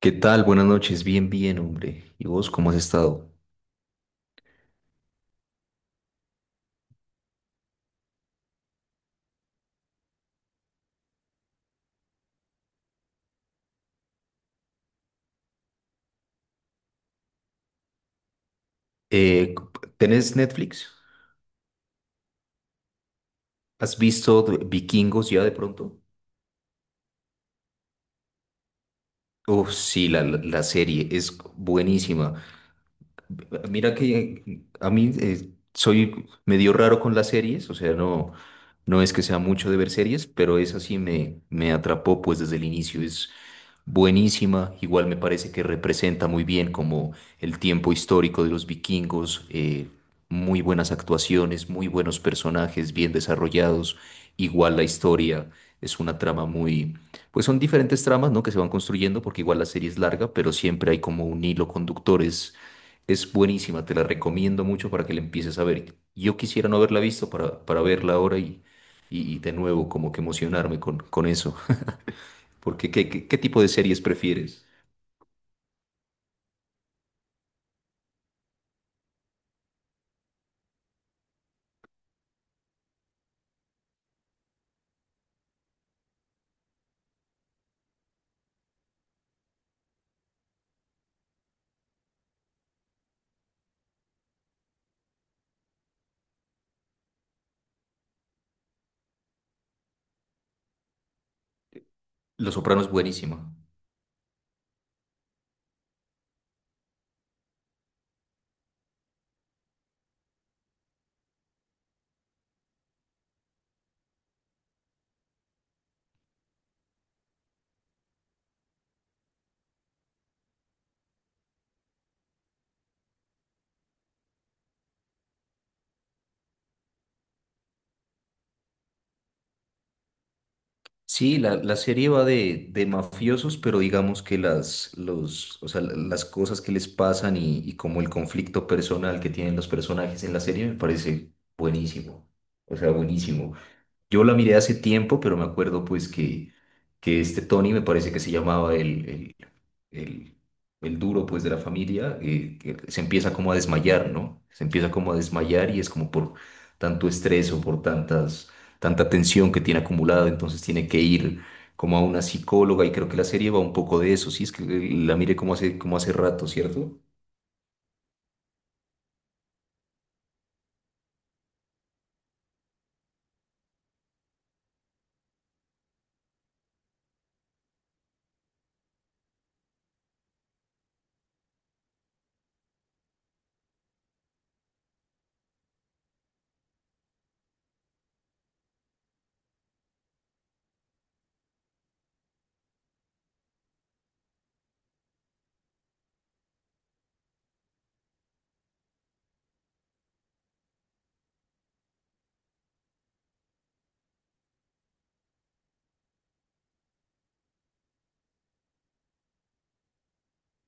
¿Qué tal? Buenas noches. Bien, bien, hombre. ¿Y vos cómo has estado? Eh, ¿Tenés Netflix? ¿Has visto Vikingos ya de pronto? Oh, sí, la serie es buenísima. Mira que a mí soy medio raro con las series, o sea, no, no es que sea mucho de ver series, pero esa sí me atrapó pues desde el inicio. Buenísima. Igual me parece que representa muy bien como el tiempo histórico de los vikingos, muy buenas actuaciones, muy buenos personajes bien desarrollados. Igual la historia es una trama muy, pues son diferentes tramas, ¿no? Que se van construyendo porque igual la serie es larga, pero siempre hay como un hilo conductor. Es buenísima, te la recomiendo mucho para que la empieces a ver. Yo quisiera no haberla visto para verla ahora y de nuevo como que emocionarme con eso. Porque, ¿qué tipo de series prefieres? Los Soprano es buenísima. Sí, la serie va de mafiosos, pero digamos que las, los, o sea, la- las cosas que les pasan y como el conflicto personal que tienen los personajes en la serie me parece buenísimo. O sea, buenísimo. Yo la miré hace tiempo, pero me acuerdo pues que este Tony me parece que se llamaba el, el duro pues de la familia, que se empieza como a desmayar, ¿no? Se empieza como a desmayar y es como por tanto estrés o por tantas, tanta tensión que tiene acumulada, entonces tiene que ir como a una psicóloga y creo que la serie va un poco de eso, sí, es que la mire como hace rato, ¿cierto?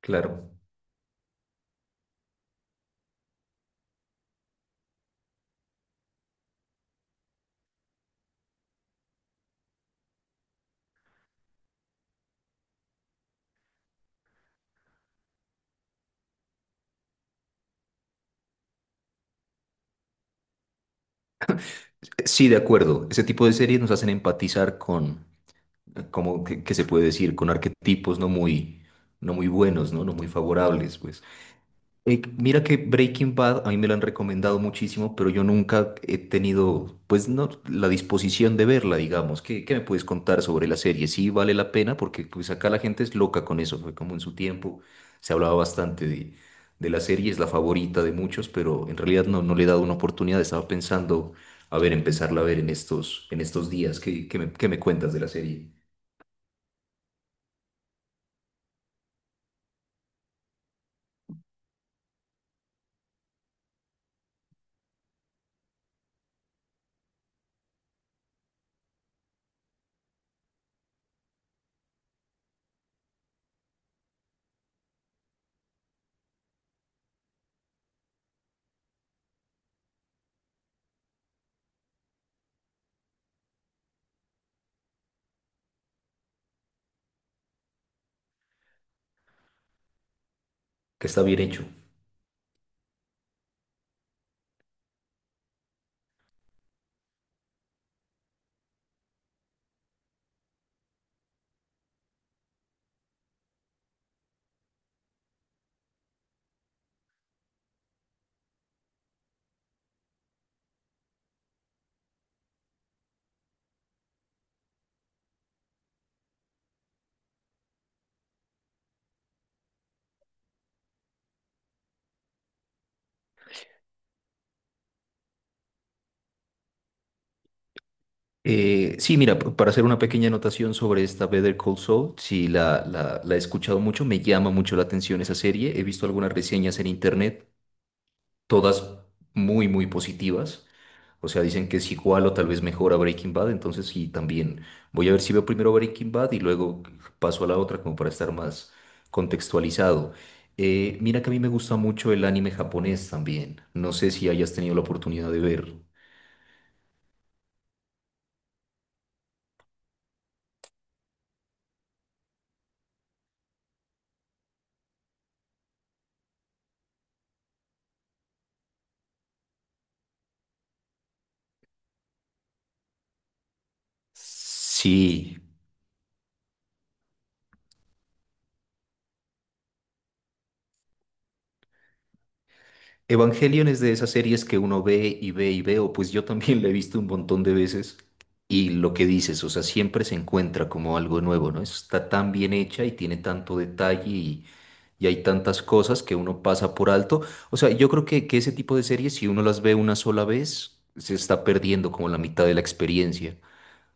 Claro. Sí, de acuerdo. Ese tipo de series nos hacen empatizar con, como que se puede decir, con arquetipos no muy, no muy buenos, ¿no? No muy favorables, pues. Mira que Breaking Bad a mí me lo han recomendado muchísimo, pero yo nunca he tenido, pues no, la disposición de verla, digamos. ¿Qué, me puedes contar sobre la serie? Sí, vale la pena, porque pues acá la gente es loca con eso. Fue como en su tiempo se hablaba bastante de la serie, es la favorita de muchos, pero en realidad no, no le he dado una oportunidad. Estaba pensando, a ver, empezarla a ver en estos días. ¿Qué, qué me cuentas de la serie? Que está bien hecho. Sí, mira, para hacer una pequeña anotación sobre esta Better Call Saul, sí, la he escuchado mucho, me llama mucho la atención esa serie, he visto algunas reseñas en internet, todas muy, muy positivas, o sea, dicen que es igual o tal vez mejor a Breaking Bad, entonces sí, también voy a ver si veo primero Breaking Bad y luego paso a la otra como para estar más contextualizado. Mira que a mí me gusta mucho el anime japonés también, no sé si hayas tenido la oportunidad de ver. Sí, Evangelion es de esas series que uno ve y ve y ve, o pues yo también la he visto un montón de veces. Y lo que dices, o sea, siempre se encuentra como algo nuevo, ¿no? Está tan bien hecha y tiene tanto detalle y hay tantas cosas que uno pasa por alto. O sea, yo creo que ese tipo de series, si uno las ve una sola vez, se está perdiendo como la mitad de la experiencia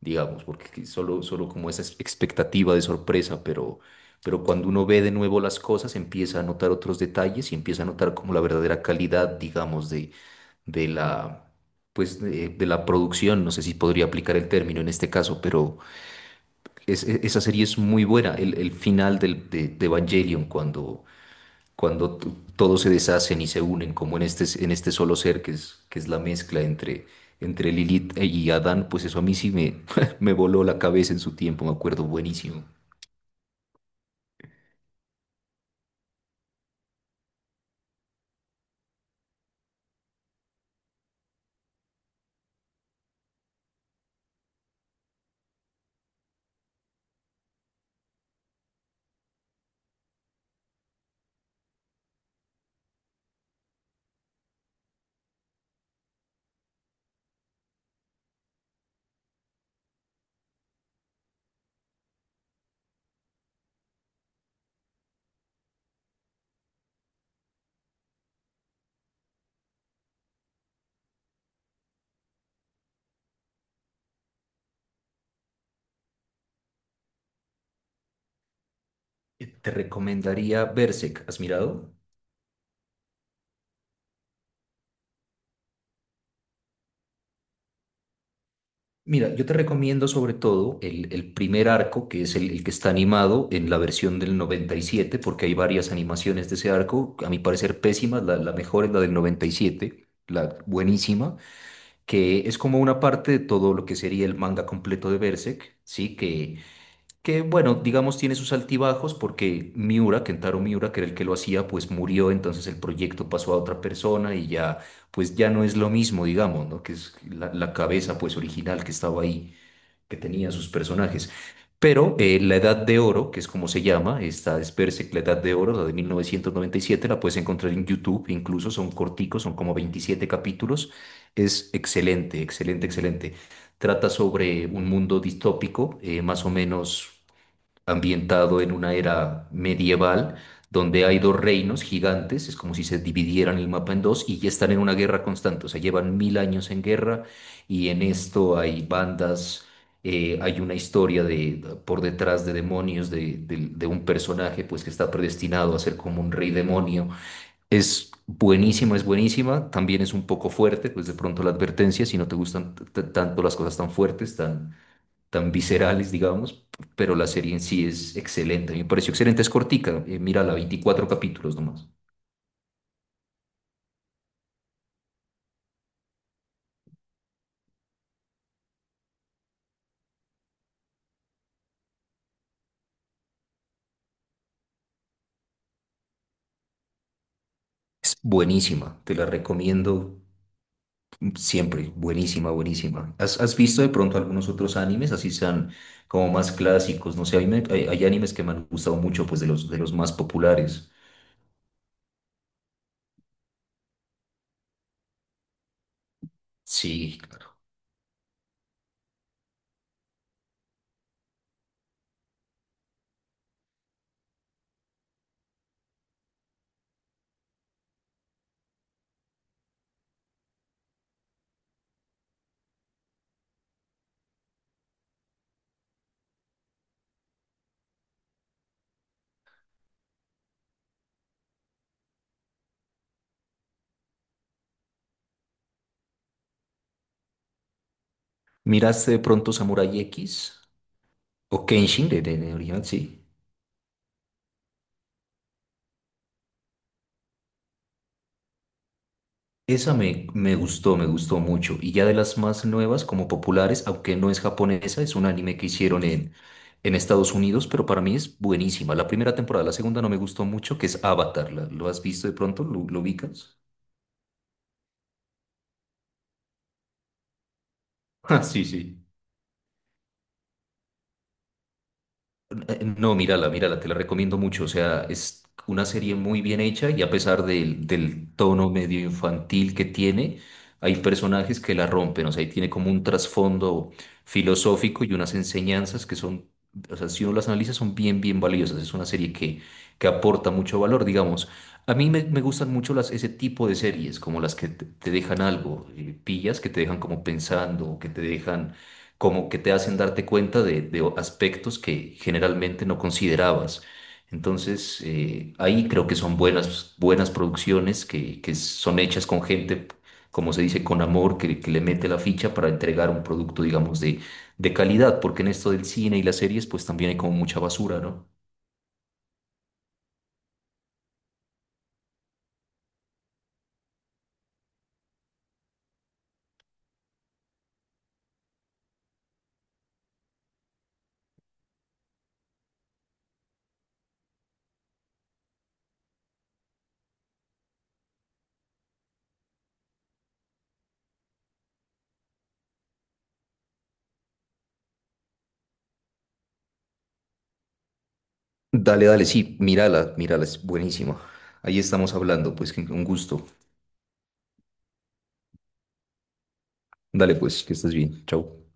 digamos, porque solo, solo como esa expectativa de sorpresa, pero cuando uno ve de nuevo las cosas, empieza a notar otros detalles y empieza a notar como la verdadera calidad, digamos, de la, pues, de la producción, no sé si podría aplicar el término en este caso, pero esa serie es muy buena, el final de Evangelion, cuando, cuando t- todos se deshacen y se unen, como en este solo ser que es la mezcla entre, entre Lilith y Adán, pues eso a mí sí me, me voló la cabeza en su tiempo, me acuerdo buenísimo. Te recomendaría Berserk, ¿has mirado? Mira, yo te recomiendo sobre todo el primer arco, que es el que está animado en la versión del 97 porque hay varias animaciones de ese arco, a mi parecer pésimas, la mejor es la del 97 la buenísima, que es como una parte de todo lo que sería el manga completo de Berserk, ¿sí? Que bueno, digamos tiene sus altibajos porque Miura, Kentaro Miura, que era el que lo hacía, pues murió, entonces el proyecto pasó a otra persona y ya, pues ya no es lo mismo, digamos, ¿no? Que es la cabeza pues original que estaba ahí que tenían sus personajes. Pero la Edad de Oro, que es como se llama, esta es Berserk, la Edad de Oro, la de 1997 la puedes encontrar en YouTube, incluso son corticos, son como 27 capítulos. Es excelente, excelente, excelente. Trata sobre un mundo distópico, más o menos ambientado en una era medieval donde hay dos reinos gigantes, es como si se dividieran el mapa en dos y ya están en una guerra constante, o sea, llevan 1000 años en guerra y en esto hay bandas, hay una historia de, por detrás de demonios, de un personaje pues que está predestinado a ser como un rey demonio. Es buenísima, también es un poco fuerte, pues de pronto la advertencia, si no te gustan tanto las cosas tan fuertes, tan tan viscerales, digamos, pero la serie en sí es excelente. A mí me pareció excelente, es cortica, mírala, 24 capítulos nomás. Es buenísima, te la recomiendo siempre, buenísima, buenísima. Has visto de pronto algunos otros animes, así sean como más clásicos? No sé, a mí hay, hay animes que me han gustado mucho, pues de los más populares. Sí, ¿miraste de pronto Samurai X o Kenshin de, de original? Sí. Esa me, me gustó mucho. Y ya de las más nuevas, como populares, aunque no es japonesa, es un anime que hicieron en Estados Unidos, pero para mí es buenísima. La primera temporada, la segunda no me gustó mucho, que es Avatar. ¿Lo has visto de pronto? Lo ubicas? Ah, sí, sí. No, mírala, mírala, te la recomiendo mucho. O sea, es una serie muy bien hecha y a pesar del tono medio infantil que tiene, hay personajes que la rompen. O sea, ahí tiene como un trasfondo filosófico y unas enseñanzas que son, o sea, si uno las analiza, son bien, bien valiosas. Es una serie que aporta mucho valor, digamos. A mí me, me gustan mucho las, ese tipo de series, como las que te dejan algo, pillas, que te dejan como pensando, que te dejan como que te hacen darte cuenta de aspectos que generalmente no considerabas. Entonces, ahí creo que son buenas, buenas producciones que son hechas con gente, como se dice, con amor, que le mete la ficha para entregar un producto, digamos, de calidad, porque en esto del cine y las series, pues también hay como mucha basura, ¿no? Dale, dale, sí, mírala, mírala, es buenísima. Ahí estamos hablando, pues que un gusto. Dale, pues, que estés bien. Chau.